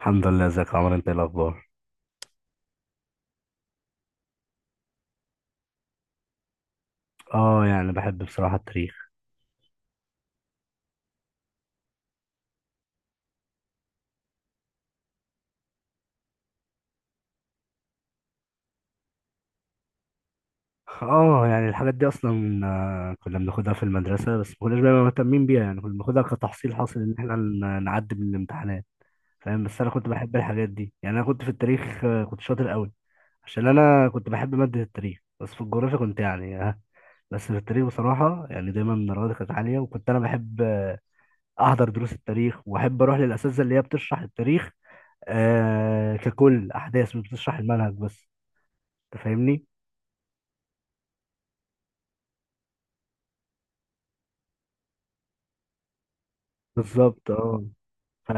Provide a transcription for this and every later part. الحمد لله ازيك يا عمر انت ايه الاخبار. اه يعني بحب بصراحه التاريخ. اه يعني الحاجات دي اصلا كنا بناخدها في المدرسه، بس ما كناش بقى مهتمين بيها، يعني كنا بناخدها كتحصيل حاصل ان احنا نعدي من الامتحانات. فاهم، بس انا كنت بحب الحاجات دي، يعني انا كنت في التاريخ كنت شاطر قوي. عشان انا كنت بحب ماده التاريخ، بس في الجغرافيا كنت يعني ها. بس في التاريخ بصراحه يعني دايما درجاتي كانت عاليه، وكنت انا بحب احضر دروس التاريخ واحب اروح للاساتذه اللي هي بتشرح التاريخ آه ككل احداث، مش بتشرح المنهج بس. انت فاهمني. بالظبط اه. ف...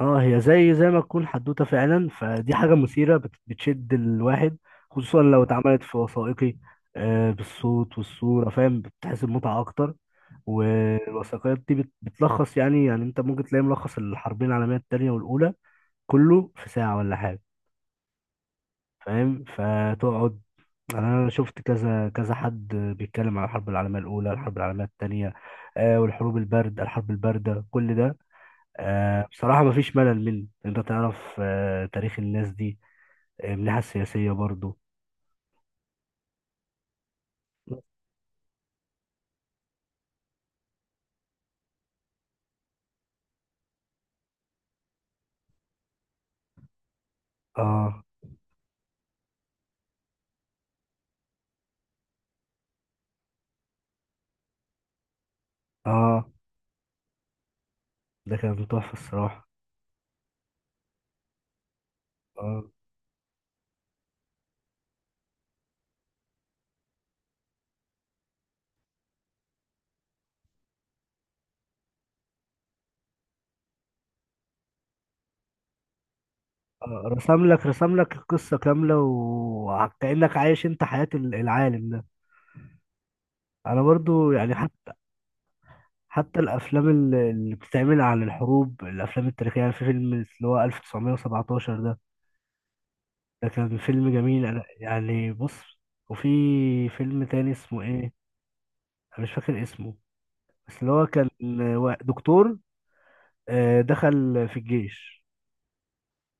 اه، هي زي ما تكون حدوته فعلا، فدي حاجه مثيره بتشد الواحد، خصوصا لو اتعملت في وثائقي. آه بالصوت والصوره، فاهم، بتحس بمتعه اكتر. والوثائقيات دي بتلخص، يعني يعني انت ممكن تلاقي ملخص الحربين العالميه الثانيه والاولى كله في ساعه ولا حاجه. فاهم، فتقعد يعني انا شفت كذا كذا حد بيتكلم على الحرب العالميه الاولى، الحرب العالميه الثانيه، آه والحروب البارد، الحرب البارده كل ده. آه بصراحه مفيش ملل منه، انت تعرف آه تاريخ الناس دي من الناحيه السياسيه برضو. اه اه، ده كان تحفه الصراحه. اه، رسم لك رسم لك القصه كامله، وكانك عايش انت حياه العالم ده. انا برضو يعني حتى حتى الافلام اللي بتتعمل عن الحروب، الافلام التاريخيه، يعني في فيلم اللي هو 1917 ده. ده كان فيلم جميل، انا يعني بص. وفي فيلم تاني اسمه ايه، انا مش فاكر اسمه، بس اللي هو كان دكتور دخل في الجيش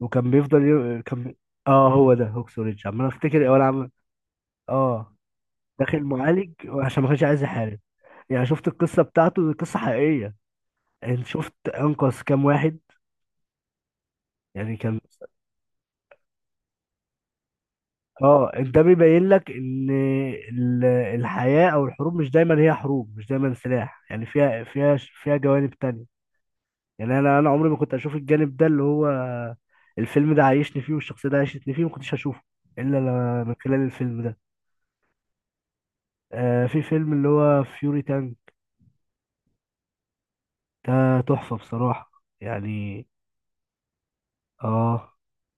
وكان بيفضل ي... كان بي... اه، هو ده هوكس وريدج، عمال افتكر ولا اه داخل معالج عشان ما كانش عايز يحارب. يعني شفت القصه بتاعته دي، قصه حقيقيه. انت شفت انقذ كام واحد، يعني كان. اه ده بيبين لك ان الحياة او الحروب مش دايما هي حروب، مش دايما سلاح، يعني فيها جوانب تانية. يعني انا عمري ما كنت اشوف الجانب ده، اللي هو الفيلم ده عايشني فيه، والشخصية ده عايشتني فيه، ما كنتش هشوفه الا من خلال الفيلم ده. آه، في فيلم اللي هو فيوري تانج، ده تحفة بصراحة. يعني اه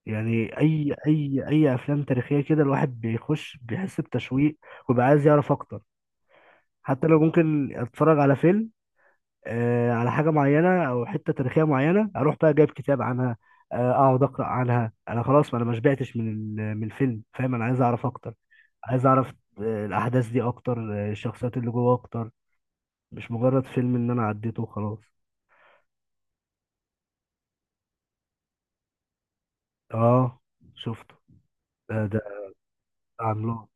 يعني اي افلام تاريخية كده، الواحد بيخش بيحس بتشويق، وبيبقى عايز يعرف اكتر. حتى لو ممكن اتفرج على فيلم على حاجه معينه او حته تاريخيه معينه، اروح بقى جايب كتاب عنها اقعد اقرا عنها. انا خلاص ما انا ما شبعتش من من الفيلم، فاهم، انا عايز اعرف اكتر. عايز اعرف الاحداث دي اكتر الشخصيات اللي جوه اكتر. مش مجرد فيلم ان انا عديته وخلاص. اه شفته. ده عملاق.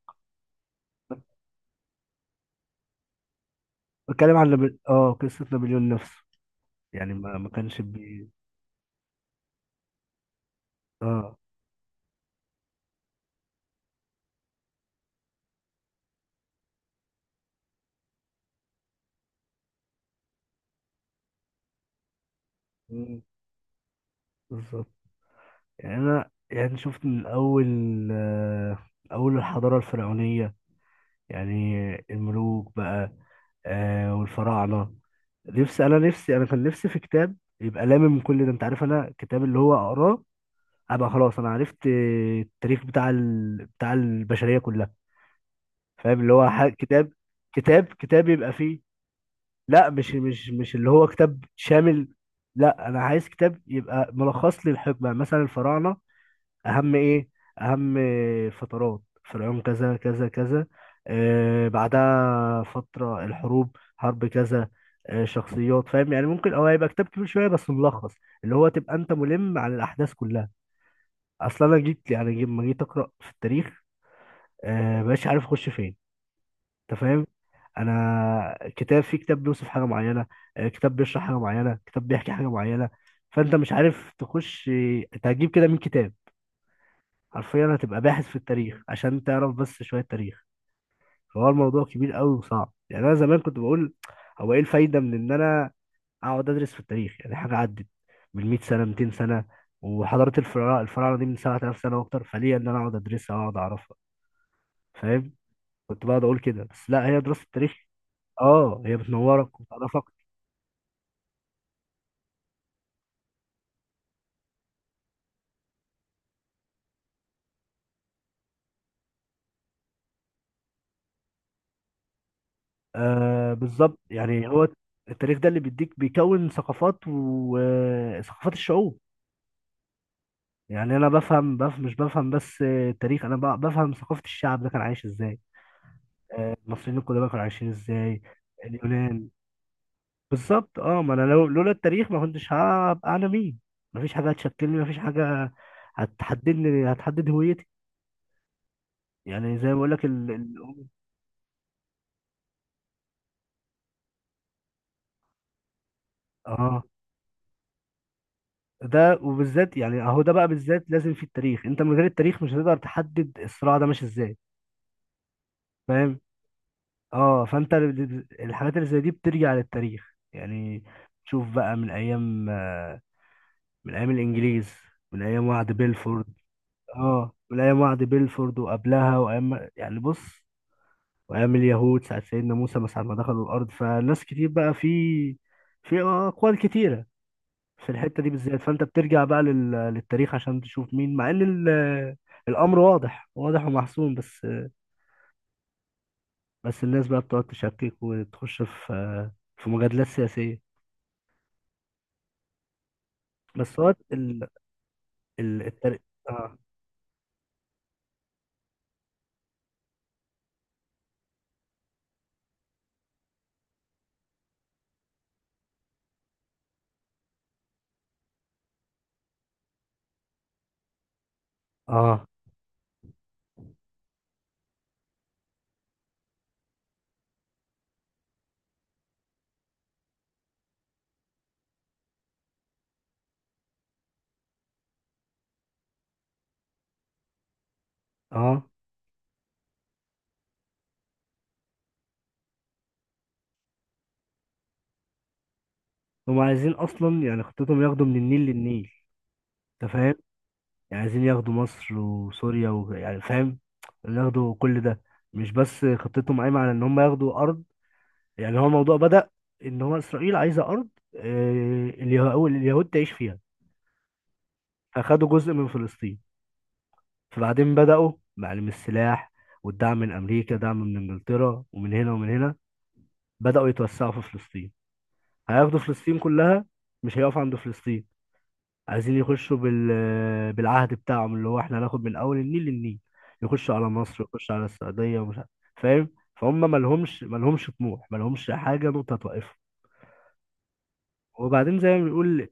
بتكلم عن اه قصه نابليون نفسه، يعني ما كانش بي. اه، مم، بالظبط. يعني انا يعني شفت من اول آه، اول الحضاره الفرعونيه، يعني الملوك بقى، آه والفراعنة. نفسي أنا نفسي أنا كان نفسي في كتاب يبقى لامم كل ده، أنت عارف، أنا كتاب اللي هو أقراه أبقى خلاص أنا عرفت التاريخ بتاع بتاع البشرية كلها. فاهم، اللي هو كتاب، كتاب يبقى فيه. لا مش اللي هو كتاب شامل. لا أنا عايز كتاب يبقى ملخص لي الحكمة، مثلا الفراعنة اهم ايه، اهم فترات فرعون كذا كذا كذا. آه بعدها فترة الحروب، حرب كذا، آه شخصيات، فاهم، يعني ممكن او هيبقى كتاب كبير شوية بس ملخص، اللي هو تبقى انت ملم عن الاحداث كلها. اصلا انا جيت يعني لما جيت اقرا في التاريخ، آه مبقاش عارف اخش فين. انت فاهم، انا كتاب في كتاب بيوصف حاجة معينة، آه كتاب بيشرح حاجة معينة، كتاب بيحكي حاجة معينة، فانت مش عارف تخش انت هتجيب كده من كتاب، حرفيا هتبقى باحث في التاريخ عشان تعرف بس شوية تاريخ. فهو الموضوع كبير قوي وصعب، يعني أنا زمان كنت بقول هو إيه الفايدة من إن أنا أقعد أدرس في التاريخ، يعني حاجة عدت من 100 سنة، 200 سنة، وحضارة الفراعنة الفراعنة دي من 7000 سنة وأكتر، فليه إن أنا أقعد أدرسها وأقعد أعرفها. فاهم، كنت بقعد أقول كده، بس لا، هي دراسة التاريخ أه هي بتنورك وبتعرفك. آه بالظبط، يعني هو التاريخ ده اللي بيديك، بيكون ثقافات، وثقافات الشعوب. يعني انا بفهم مش بفهم بس التاريخ، انا بفهم ثقافة الشعب ده كان عايش ازاي، المصريين القدماء كانوا عايشين ازاي، اليونان. بالظبط اه، ما انا لولا التاريخ ما كنتش هبقى انا مين. مفيش حاجة هتشكلني، مفيش حاجة هتحددني، هتحدد هويتي. يعني زي ما بقول لك اه، ده وبالذات يعني اهو ده بقى بالذات لازم في التاريخ، انت من غير التاريخ مش هتقدر تحدد الصراع ده ماشي ازاي. فاهم، اه فانت الحاجات اللي زي دي بترجع للتاريخ، يعني تشوف بقى من ايام من ايام الانجليز، من ايام وعد بيلفورد. اه من ايام وعد بيلفورد وقبلها، وايام يعني بص، وايام اليهود ساعة سيدنا موسى ما ساعة ما دخلوا الارض. فناس كتير بقى في في اقوال كتيرة في الحتة دي بالذات، فانت بترجع بقى للتاريخ عشان تشوف مين، مع ان الامر واضح ومحسوم، بس بس الناس بقى بتقعد تشكك وتخش في في مجادلات سياسية. بس هو ال... التر... اه. اه اه، هم عايزين اصلا يعني خطتهم ياخدوا من النيل للنيل. انت فاهم، يعني عايزين ياخدوا مصر وسوريا و... يعني فاهم، ياخدوا كل ده، مش بس خطتهم قايمه على ان هم ياخدوا ارض. يعني هو الموضوع بدأ ان هو اسرائيل عايزه ارض اليهود تعيش فيها، فخدوا جزء من فلسطين، فبعدين بدأوا معلم السلاح والدعم من امريكا، دعم من انجلترا ومن هنا ومن هنا، بدأوا يتوسعوا في فلسطين، هياخدوا فلسطين كلها، مش هيقفوا عند فلسطين. عايزين يخشوا بالعهد بتاعهم، اللي هو احنا هناخد من اول النيل للنيل. يخشوا على مصر، يخشوا على السعوديه ومش عارف. فاهم، فهم مالهمش طموح، مالهمش حاجه نقطه توقفهم. وبعدين زي ما بيقول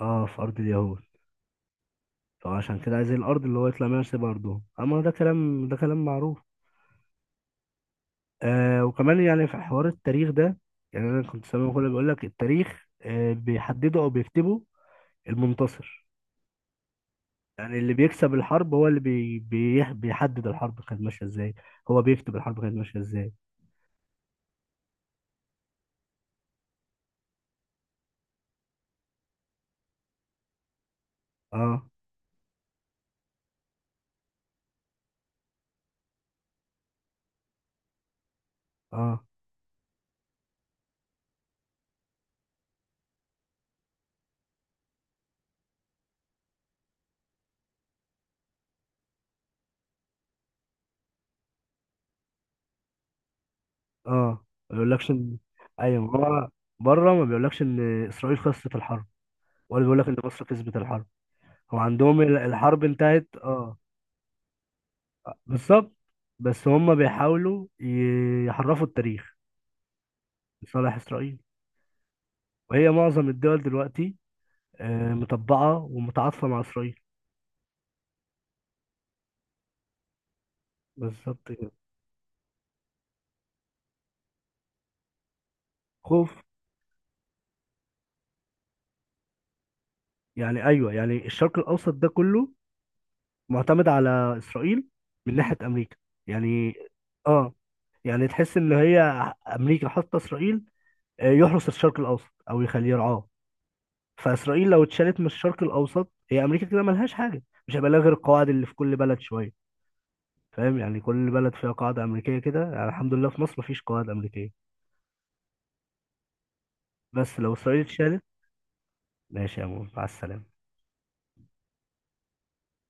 اه في ارض اليهود، فعشان كده عايزين الارض اللي هو يطلع منها، سيب ارضهم، اما ده كلام، ده كلام معروف. آه وكمان يعني في حوار التاريخ ده، يعني انا كنت سامع كله بيقول لك التاريخ آه بيحدده او بيكتبه المنتصر. يعني اللي بيكسب الحرب هو اللي بيحدد الحرب كانت ماشيه ازاي، هو بيكتب الحرب كانت ماشيه ازاي. اه اه اه، ما بيقولكش ان ايوه هو. بره ما بيقولكش ان اسرائيل خسرت الحرب، ولا بيقولك ان مصر كسبت الحرب. هو عندهم الحرب انتهت. اه بالظبط، بس هم بيحاولوا يحرفوا التاريخ لصالح اسرائيل. وهي معظم الدول دلوقتي مطبعه ومتعاطفه مع اسرائيل. بالظبط كده. خوف. يعني ايوه يعني الشرق الاوسط ده كله معتمد على إسرائيل من ناحية أمريكا، يعني آه. يعني تحس إن هي أمريكا حاطة إسرائيل يحرس الشرق الأوسط أو يخليه يرعاه. فإسرائيل لو اتشالت من الشرق الأوسط، هي أمريكا كده ملهاش حاجة، مش هيبقى لها غير القواعد اللي في كل بلد شوية. فاهم، يعني كل بلد فيها قاعدة أمريكية كده، يعني الحمد لله في مصر مفيش قواعد أمريكية، بس لو إسرائيل اتشالت. ماشي يا مول، مع السلامة.